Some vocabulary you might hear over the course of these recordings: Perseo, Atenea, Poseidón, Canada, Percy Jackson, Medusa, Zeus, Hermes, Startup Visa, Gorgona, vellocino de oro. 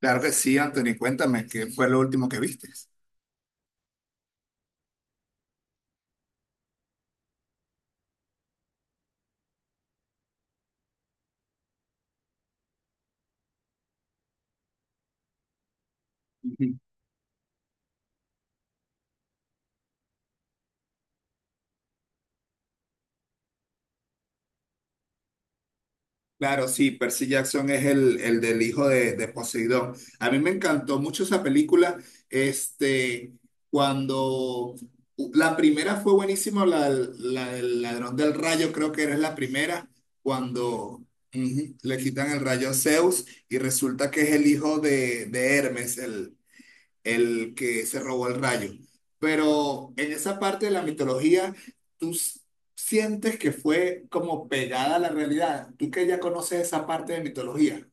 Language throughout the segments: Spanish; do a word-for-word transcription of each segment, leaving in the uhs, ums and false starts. Claro que sí, Anthony, cuéntame, ¿qué fue lo último que viste? Ujú. Claro, sí, Percy Jackson es el, el del hijo de, de Poseidón. A mí me encantó mucho esa película. Este, cuando la primera fue buenísima, la, la del ladrón del rayo, creo que era la primera, cuando ujú, le quitan el rayo a Zeus y resulta que es el hijo de, de Hermes, el el que se robó el rayo. Pero en esa parte de la mitología, tú s- sientes que fue como pegada a la realidad. Tú que ya conoces esa parte de mitología.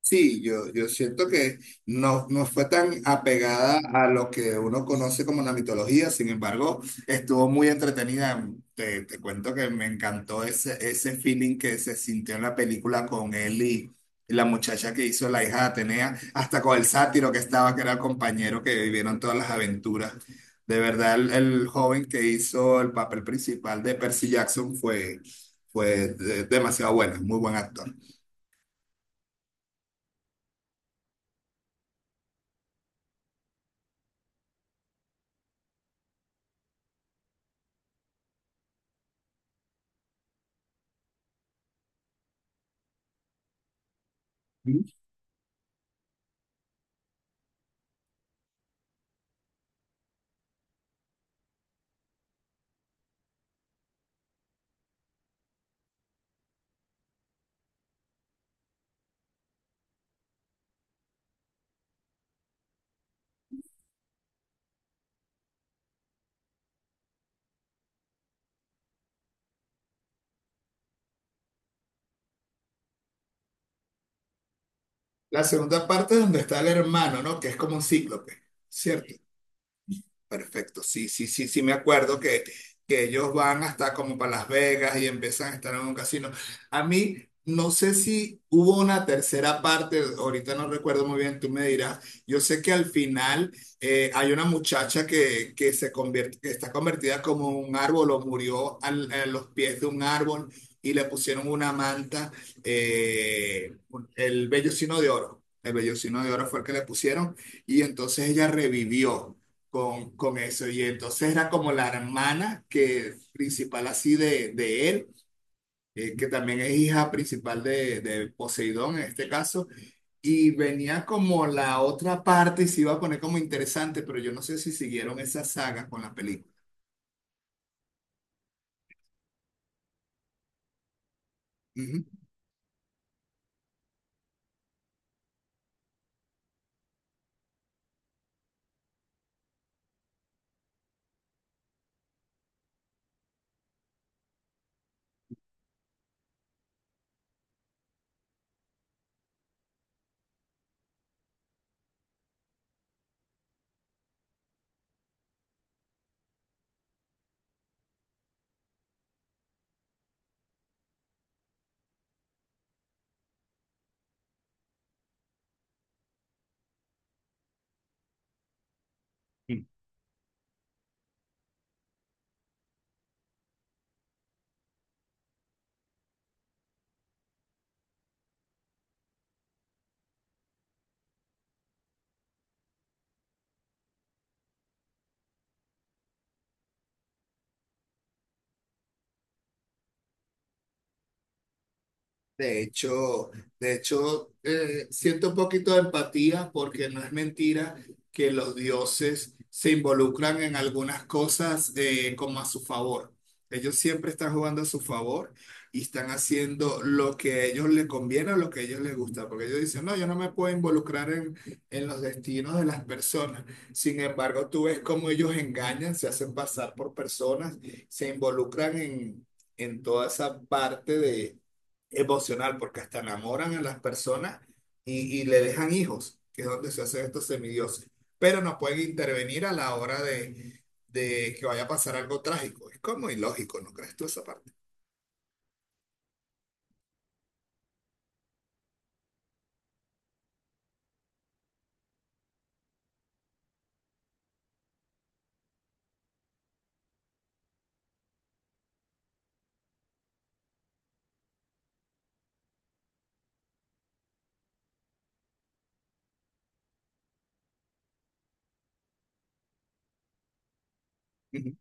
Sí, yo, yo siento que no, no fue tan apegada a lo que uno conoce como la mitología, sin embargo, estuvo muy entretenida. Te, te cuento que me encantó ese, ese feeling que se sintió en la película con él y la muchacha que hizo la hija de Atenea, hasta con el sátiro que estaba, que era el compañero que vivieron todas las aventuras. De verdad, el, el joven que hizo el papel principal de Percy Jackson fue, fue de- demasiado bueno, muy buen actor. La segunda parte es donde está el hermano, ¿no? Que es como un cíclope, ¿cierto? Perfecto, sí, sí, sí, sí, me acuerdo que, que ellos van hasta como para Las Vegas y empiezan a estar en un casino. A mí, no sé si hubo una tercera parte, ahorita no recuerdo muy bien, tú me dirás. Yo sé que al final eh, hay una muchacha que, que se convierte, que está convertida como un árbol o murió al- a los pies de un árbol y le pusieron una manta, eh, el vellocino de oro. El vellocino de oro fue el que le pusieron y entonces ella revivió con, con eso. Y entonces era como la hermana que principal así de, de él, eh, que también es hija principal de, de Poseidón en este caso. Y venía como la otra parte y se iba a poner como interesante, pero yo no sé si siguieron esa saga con la película. Ujú. De hecho, de hecho, eh, siento un poquito de empatía porque no es mentira que los dioses se involucran en algunas cosas eh, como a su favor. Ellos siempre están jugando a su favor y están haciendo lo que a ellos les conviene o lo que a ellos les gusta, porque ellos dicen, no, yo no me puedo involucrar en, en los destinos de las personas. Sin embargo, tú ves cómo ellos engañan, se hacen pasar por personas, se involucran en, en toda esa parte de emocional, porque hasta enamoran a las personas y, y le dejan hijos, que es donde se hacen estos semidioses. Pero no pueden intervenir a la hora de, de que vaya a pasar algo trágico. Es como ilógico, ¿no crees tú esa parte? Ujú,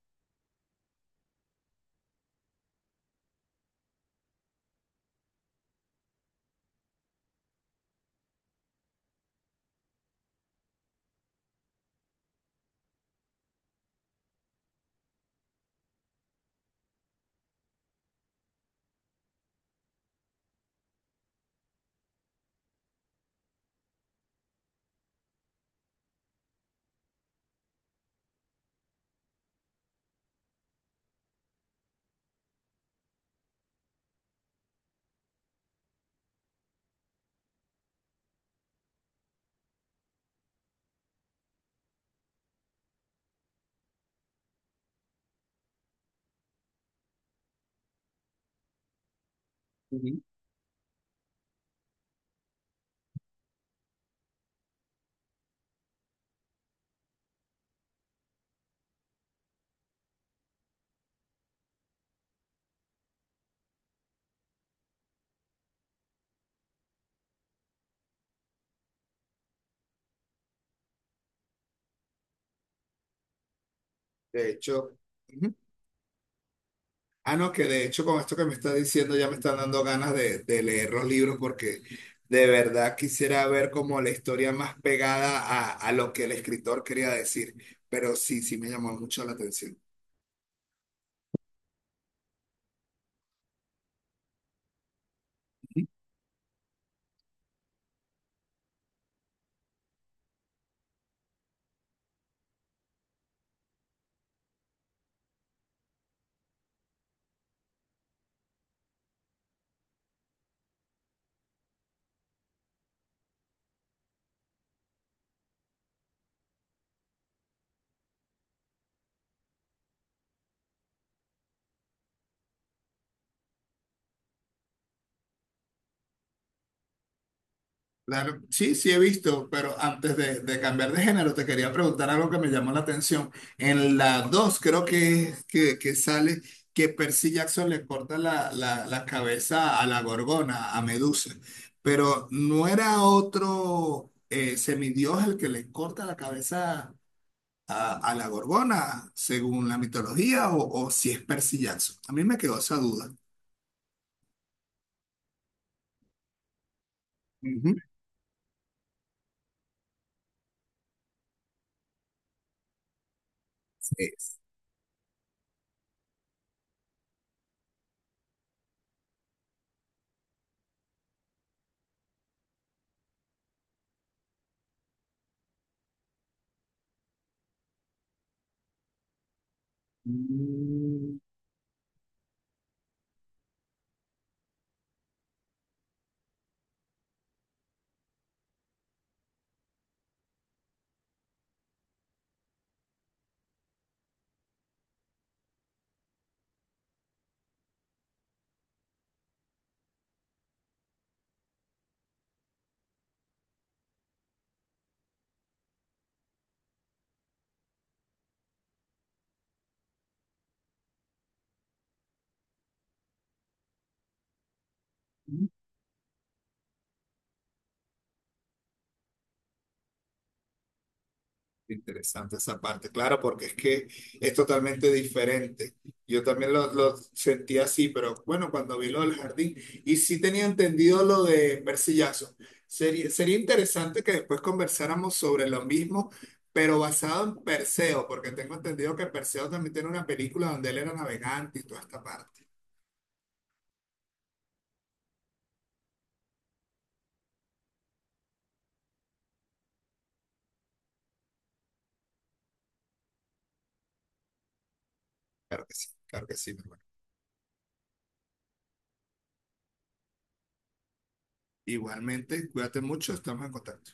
ujú. De hecho, Ujú. Ah, no, que de hecho con esto que me estás diciendo ya me están dando ganas de, de leer los libros porque de verdad quisiera ver como la historia más pegada a, a lo que el escritor quería decir. Pero sí, sí me llamó mucho la atención. Claro, sí, sí he visto, pero antes de, de cambiar de género, te quería preguntar algo que me llamó la atención. En la dos creo que, es- que, que sale que Percy Jackson le corta la, la, la cabeza a la Gorgona, a Medusa, pero no era otro eh, semidios el que le corta la cabeza a, a la Gorgona, según la mitología, o, o si es Percy Jackson. A mí me quedó esa duda. Ujú. Sí. Mm. Interesante esa parte, claro, porque es que es totalmente diferente. Yo también lo, lo sentí así, pero bueno, cuando vi lo del jardín, y sí tenía entendido lo de Mercillazo. Sería, sería interesante que después conversáramos sobre lo mismo, pero basado en Perseo, porque tengo entendido que Perseo también tiene una película donde él era navegante y toda esta parte. Claro que sí, claro que sí, mi hermano. Igualmente, cuídate mucho, estamos en contacto.